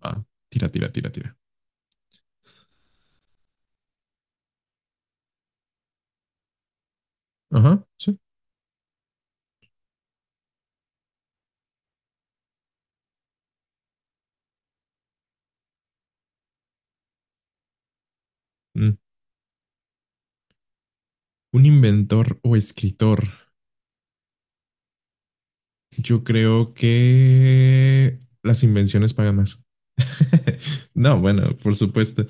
Ah, tira, tira, tira, tira. Ajá, sí. Mm. Un inventor o escritor. Yo creo que las invenciones pagan más. No, bueno, por supuesto.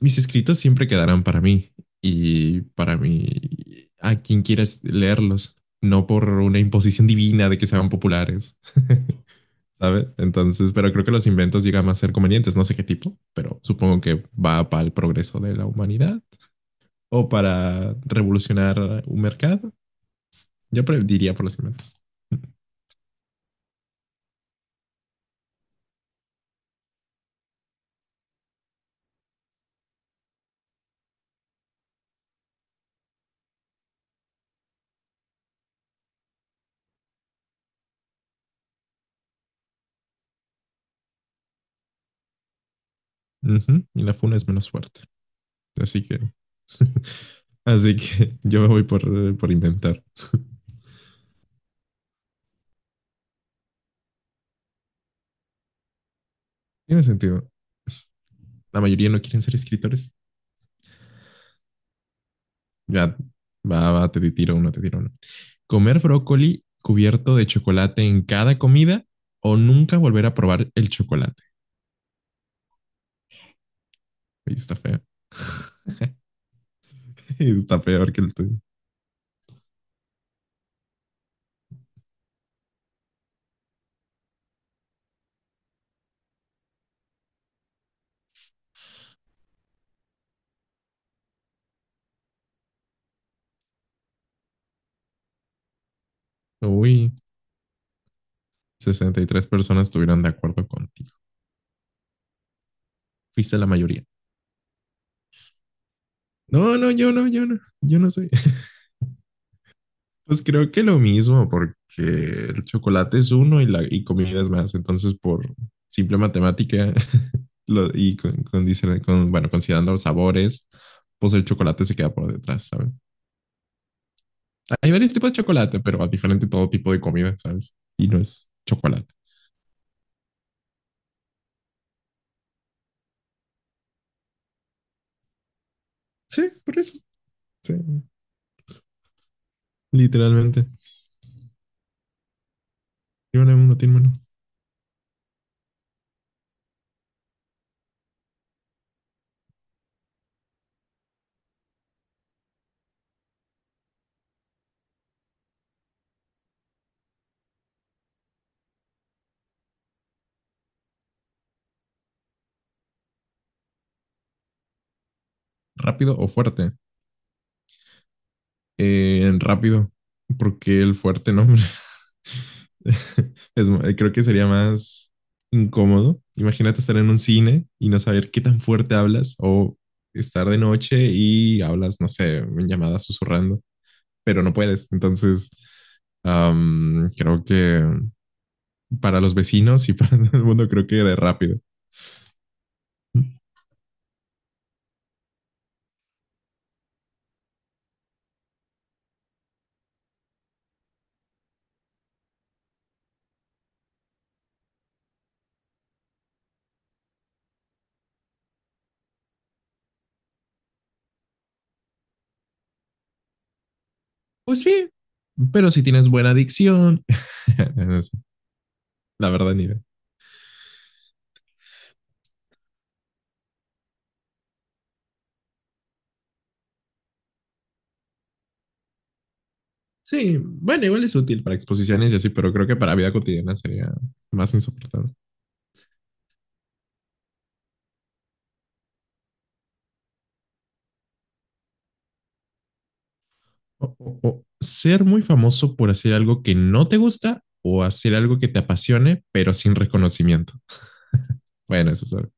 Mis escritos siempre quedarán para mí y para mí, a quien quieras leerlos, no por una imposición divina de que sean populares, ¿sabes? Entonces, pero creo que los inventos llegan a ser convenientes, no sé qué tipo, pero supongo que va para el progreso de la humanidad o para revolucionar un mercado. Yo diría por los inventos. Ujú, y la funa es menos fuerte. Así que, así que yo me voy por inventar. Tiene sentido. La mayoría no quieren ser escritores. Ya, va, va, te tiro uno, te tiro uno. Comer brócoli cubierto de chocolate en cada comida o nunca volver a probar el chocolate. Oye, está feo. Está peor que el tuyo. Uy, 63 personas estuvieron de acuerdo contigo. Fuiste la mayoría. No, no, yo no sé. Pues creo que lo mismo, porque el chocolate es uno y comida es más. Entonces, por simple matemática y con, bueno, considerando los sabores, pues el chocolate se queda por detrás, ¿sabes? Hay varios tipos de chocolate, pero a diferente todo tipo de comida, ¿sabes? Y no es chocolate. Sí, por eso. Sí, literalmente. Tiene uno, tiene Rápido o fuerte. Rápido, porque el fuerte, no, hombre. Creo que sería más incómodo. Imagínate estar en un cine y no saber qué tan fuerte hablas o estar de noche y hablas, no sé, en llamada susurrando, pero no puedes. Entonces, creo que para los vecinos y para todo el mundo creo que de rápido. Pues sí, pero si tienes buena dicción, no sé, la verdad ni idea. Sí, bueno, igual es útil para exposiciones y así, pero creo que para vida cotidiana sería más insoportable. O ser muy famoso por hacer algo que no te gusta o hacer algo que te apasione, pero sin reconocimiento. Bueno, eso es algo.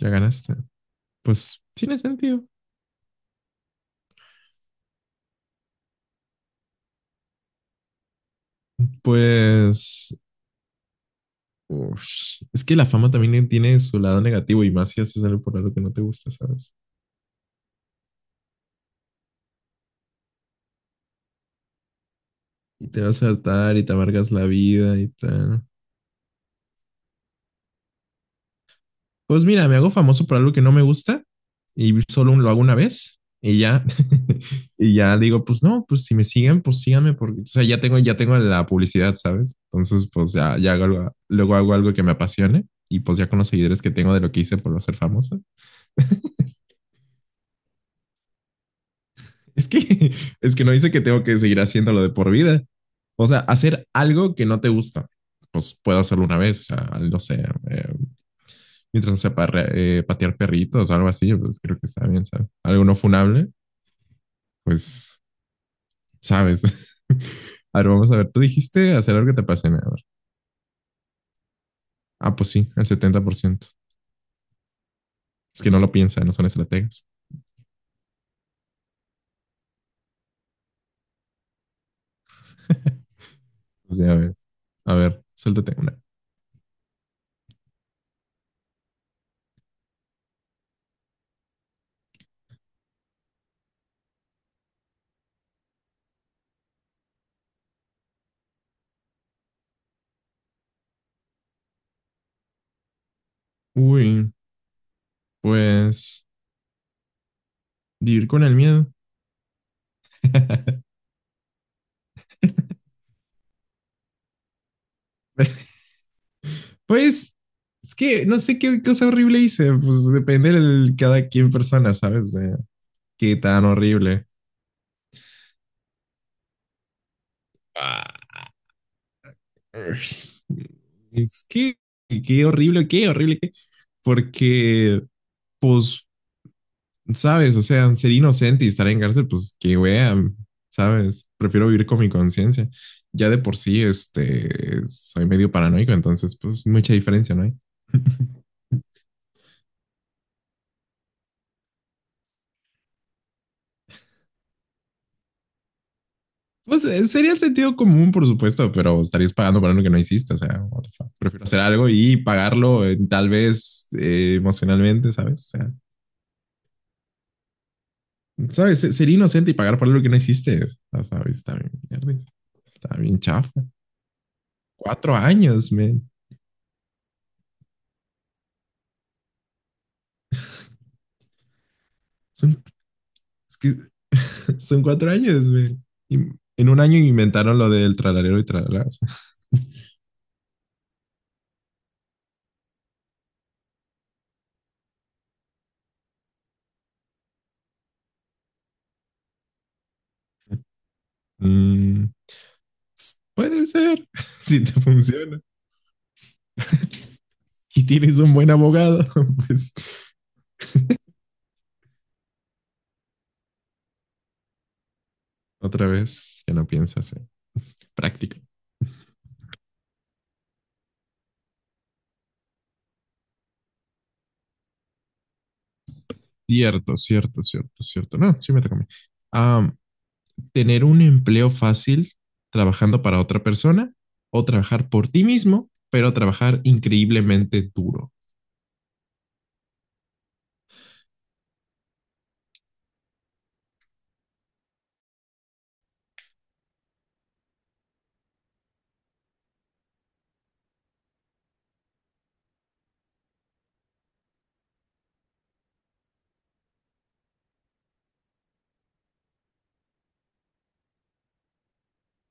Ya ganaste. Pues tiene sentido. Pues uf, es que la fama también tiene su lado negativo y más si haces algo por algo que no te gusta, ¿sabes? Y te vas a hartar y te amargas la vida y tal. Pues mira, me hago famoso por algo que no me gusta y solo lo hago una vez y ya, y ya digo, pues no, pues si me siguen, pues síganme porque, o sea, ya tengo la publicidad, ¿sabes? Entonces, pues luego hago algo que me apasione y pues ya con los seguidores que tengo de lo que hice por ser famoso. Es que, es que no dice que tengo que seguir haciéndolo de por vida. O sea, hacer algo que no te gusta, pues puedo hacerlo una vez, o sea, no sé, eh, mientras no sea para, patear perritos o algo así, pues creo que está bien, ¿sabes? Algo no funable pues sabes. A ver, vamos a ver. Tú dijiste hacer algo que te apasione. A ver. Ah, pues sí, el 70%. Es que no lo piensan. No son estrategas. Pues ya ves. A ver, suéltate una. Uy, pues vivir con el miedo. Pues es que no sé qué cosa horrible hice. Pues depende de cada quien persona, ¿sabes? De qué tan horrible. Ah, es que qué horrible, qué horrible, qué. Porque, pues ¿Sabes? O sea, ser inocente y estar en cárcel, pues qué wea, ¿sabes? Prefiero vivir con mi conciencia. Ya de por sí, este, soy medio paranoico, entonces, pues mucha diferencia, ¿no hay? Pues sería el sentido común, por supuesto, pero estarías pagando por algo que no hiciste, o sea, what the fuck. Prefiero hacer algo y pagarlo tal vez emocionalmente, ¿sabes? O sea, ¿sabes? Ser inocente y pagar por algo que no hiciste, o sea, ¿sabes? Está bien, mierda, está bien chafa. 4 años, man. Es, un- es que Son 4 años, güey. Y en un año inventaron lo del tralalero y tralalero. Puede ser, si te funciona. Y tienes un buen abogado, pues otra vez, ya no piensas en práctica. Cierto, cierto, cierto, cierto. No, sí me toca a mí. Tener un empleo fácil trabajando para otra persona o trabajar por ti mismo, pero trabajar increíblemente duro.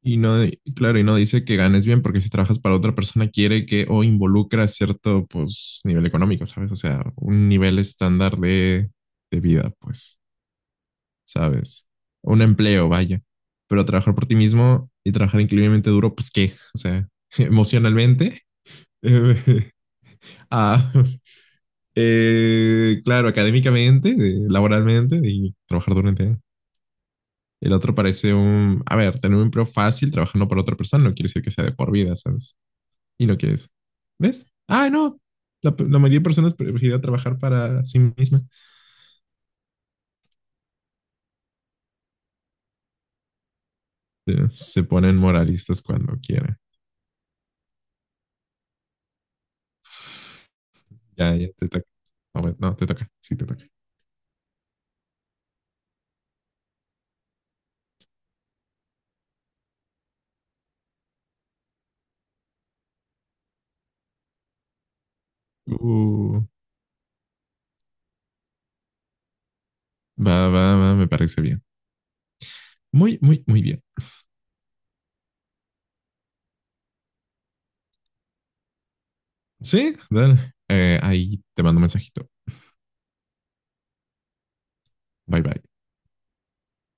Y no, y claro, y no dice que ganes bien porque si trabajas para otra persona quiere que o involucra cierto pues nivel económico, ¿sabes? O sea, un nivel estándar de vida, pues, ¿sabes? Un empleo, vaya. Pero trabajar por ti mismo y trabajar increíblemente duro, pues qué, o sea, emocionalmente, eh, ah, claro, académicamente, laboralmente y trabajar durante años. El otro parece un, a ver, tener un empleo fácil trabajando para otra persona no quiere decir que sea de por vida, ¿sabes? Y no quieres. ¿Ves? Ah, no. La mayoría de personas prefieren trabajar para sí misma. Se ponen moralistas cuando quieren. Ya, ya te toca. No, bueno, no, te toca. Sí, te toca. Uh, Va, va, va, me parece bien. Muy, muy, muy bien. Sí, dale. Ahí te mando un mensajito. Bye, bye.